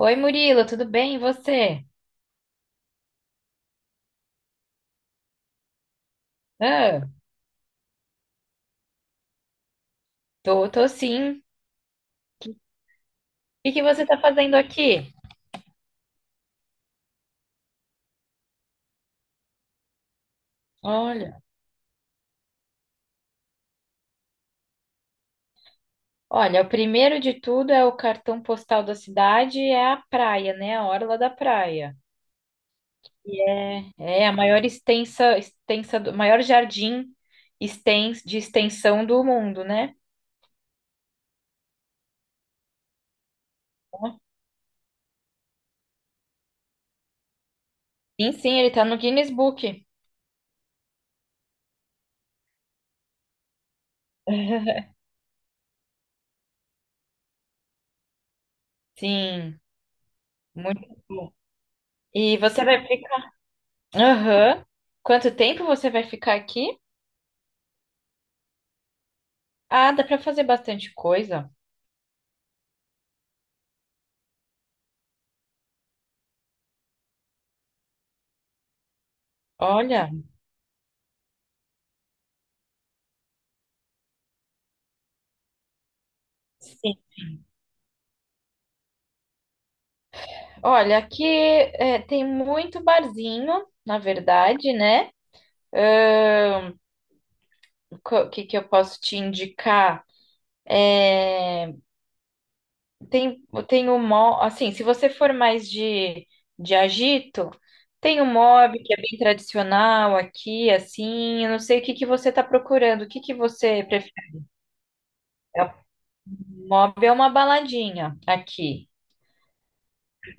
Oi, Murilo, tudo bem? E você? Ah, tô sim. O que que você tá fazendo aqui? Olha, olha, o primeiro de tudo é o cartão postal da cidade, é a praia, né? A orla da praia. E é a maior jardim de extensão do mundo, né? Ó, sim, sim, ele tá no Guinness Book. Sim, muito bom. E você vai ficar? Aham. Quanto tempo você vai ficar aqui? Ah, dá pra fazer bastante coisa. Olha, sim. Olha, aqui tem muito barzinho, na verdade, né? Ahn, O que que eu posso te indicar? É, tem, tem o Mob, assim, se você for mais de agito, tem o Mob, que é bem tradicional aqui, assim. Eu não sei o que que você está procurando, o que que você prefere? É. O Mob é uma baladinha aqui.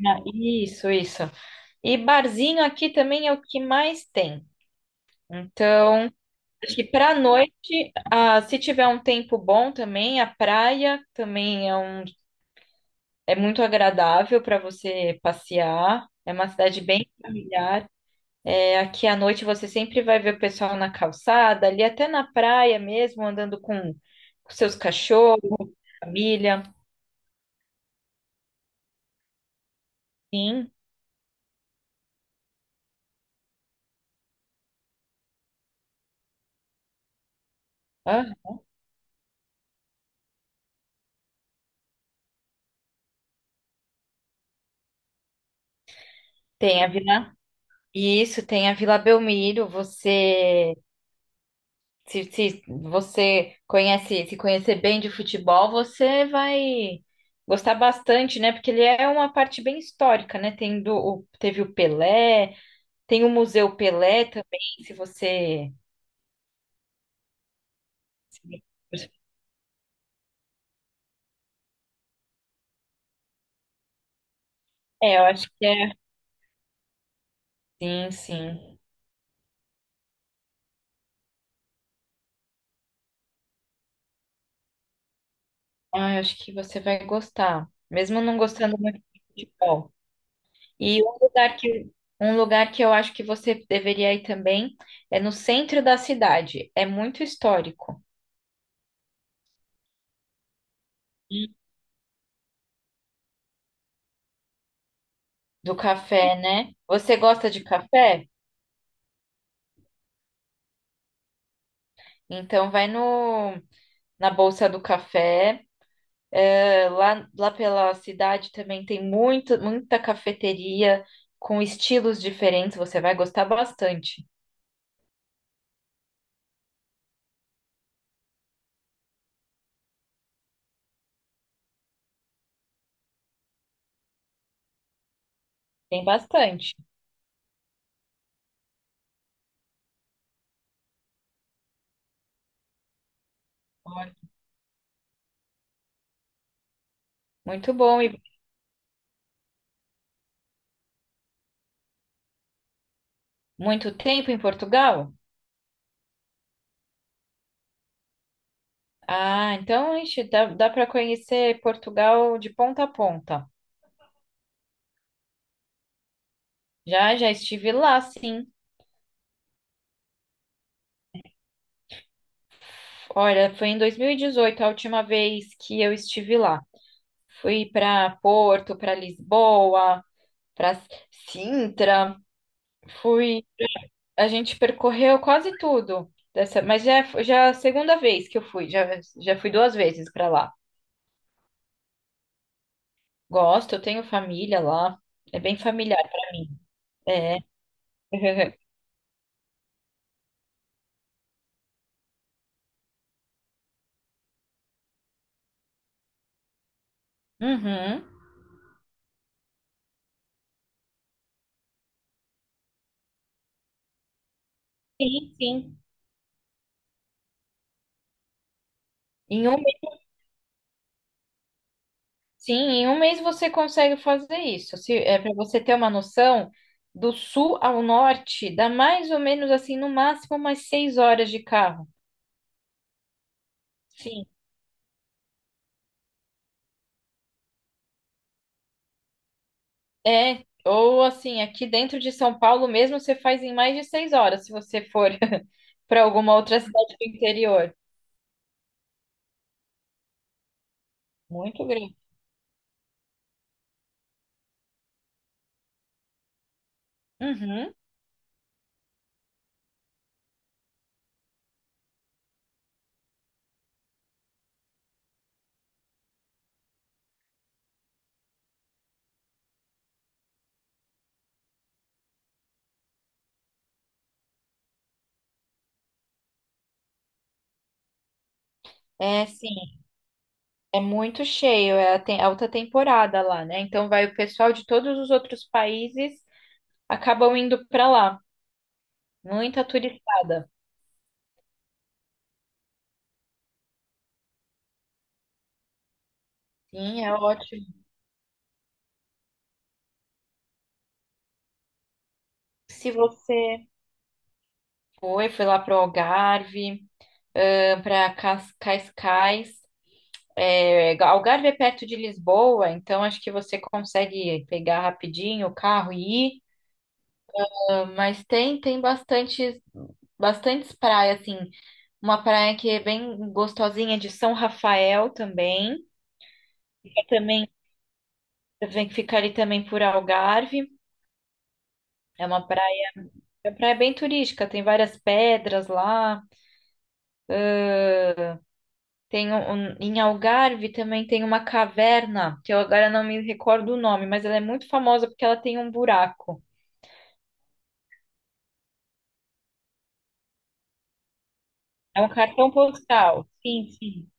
Ah, isso, isso. E barzinho aqui também é o que mais tem. Então, acho que para noite, se tiver um tempo bom também, a praia também é muito agradável para você passear. É uma cidade bem familiar. É, aqui à noite você sempre vai ver o pessoal na calçada, ali até na praia mesmo, andando com seus cachorros, família. Sim, ah, tem a Vila. Isso, tem a Vila Belmiro. Você Se, se você conhece, se conhecer bem de futebol, você vai gostar bastante, né? Porque ele é uma parte bem histórica, né? Teve o Pelé, tem o Museu Pelé também, se você. se- É, eu acho que é. Sim, sim. Ah, eu acho que você vai gostar, mesmo não gostando muito de futebol. E um lugar que eu acho que você deveria ir também é no centro da cidade. É muito histórico. Do café, né? Você gosta de café? Então vai no na Bolsa do Café. Lá, pela cidade também tem muito, muita cafeteria com estilos diferentes. Você vai gostar bastante. Tem bastante. Olha, muito bom. E muito tempo em Portugal? Ah, então, ixi, dá para conhecer Portugal de ponta a ponta. Já, já estive lá, sim. Olha, foi em 2018 a última vez que eu estive lá. Fui para Porto, para Lisboa, para Sintra. Fui, a gente percorreu quase tudo dessa, mas já é a segunda vez que eu fui, já fui duas vezes para lá. Gosto, eu tenho família lá. É bem familiar para mim. É. Uhum. Sim, sim. Em um mês, sim, em um mês você consegue fazer isso. Se, é para você ter uma noção, do sul ao norte dá mais ou menos assim, no máximo umas 6 horas de carro. Sim. É, ou assim, aqui dentro de São Paulo mesmo você faz em mais de 6 horas, se você for para alguma outra cidade do interior. Muito grande. Uhum. É, sim, é muito cheio, é alta temporada lá, né? Então vai o pessoal de todos os outros países acabam indo para lá. Muita turistada. Sim, é ótimo. Se você foi lá pro Algarve, para Cascais. É, Algarve é perto de Lisboa, então acho que você consegue pegar rapidinho o carro e ir. Ah, mas tem bastantes praias assim. Uma praia que é bem gostosinha de São Rafael também. Fica também vem ficar ali também por Algarve. É uma praia, é uma praia bem turística. Tem várias pedras lá. Em Algarve também tem uma caverna que eu agora não me recordo o nome, mas ela é muito famosa porque ela tem um buraco. É um cartão postal. Sim, sim.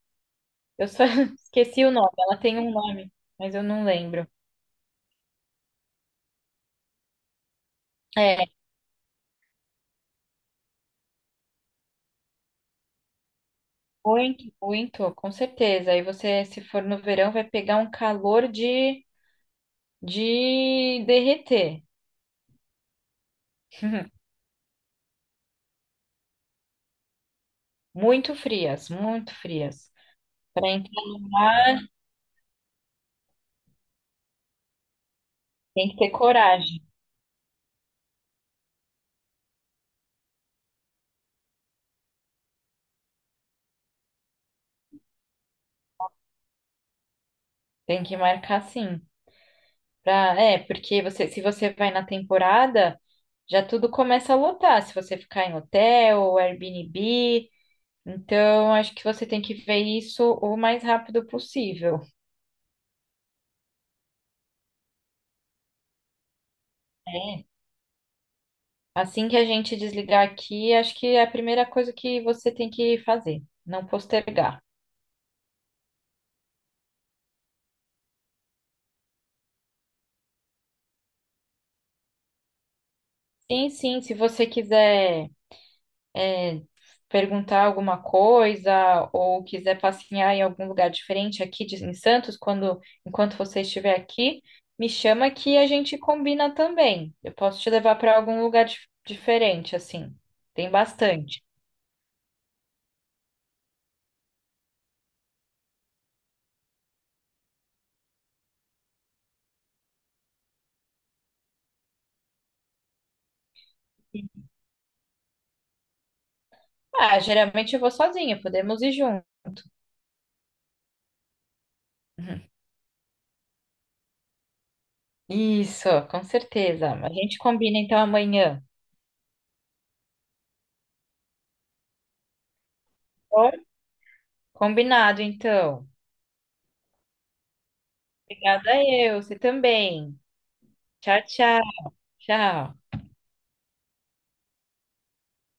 Eu só esqueci o nome. Ela tem um nome, mas eu não lembro. É, muito, muito, com certeza. Aí você, se for no verão, vai pegar um calor de derreter. Muito frias, muito frias. Para entrar no mar, tem que ter coragem. Tem que marcar sim. Porque você, se você vai na temporada, já tudo começa a lotar. Se você ficar em hotel, Airbnb. Então, acho que você tem que ver isso o mais rápido possível. É. Assim que a gente desligar aqui, acho que é a primeira coisa que você tem que fazer, não postergar. Sim, sim, se você quiser perguntar alguma coisa ou quiser passear em algum lugar diferente aqui em Santos, quando enquanto você estiver aqui, me chama que a gente combina também. Eu posso te levar para algum lugar diferente, assim. Tem bastante. Ah, geralmente eu vou sozinha, podemos ir juntos. Uhum. Isso, com certeza. A gente combina então amanhã. Tá bom? Combinado, então. Obrigada eu, você também. Tchau, tchau, tchau.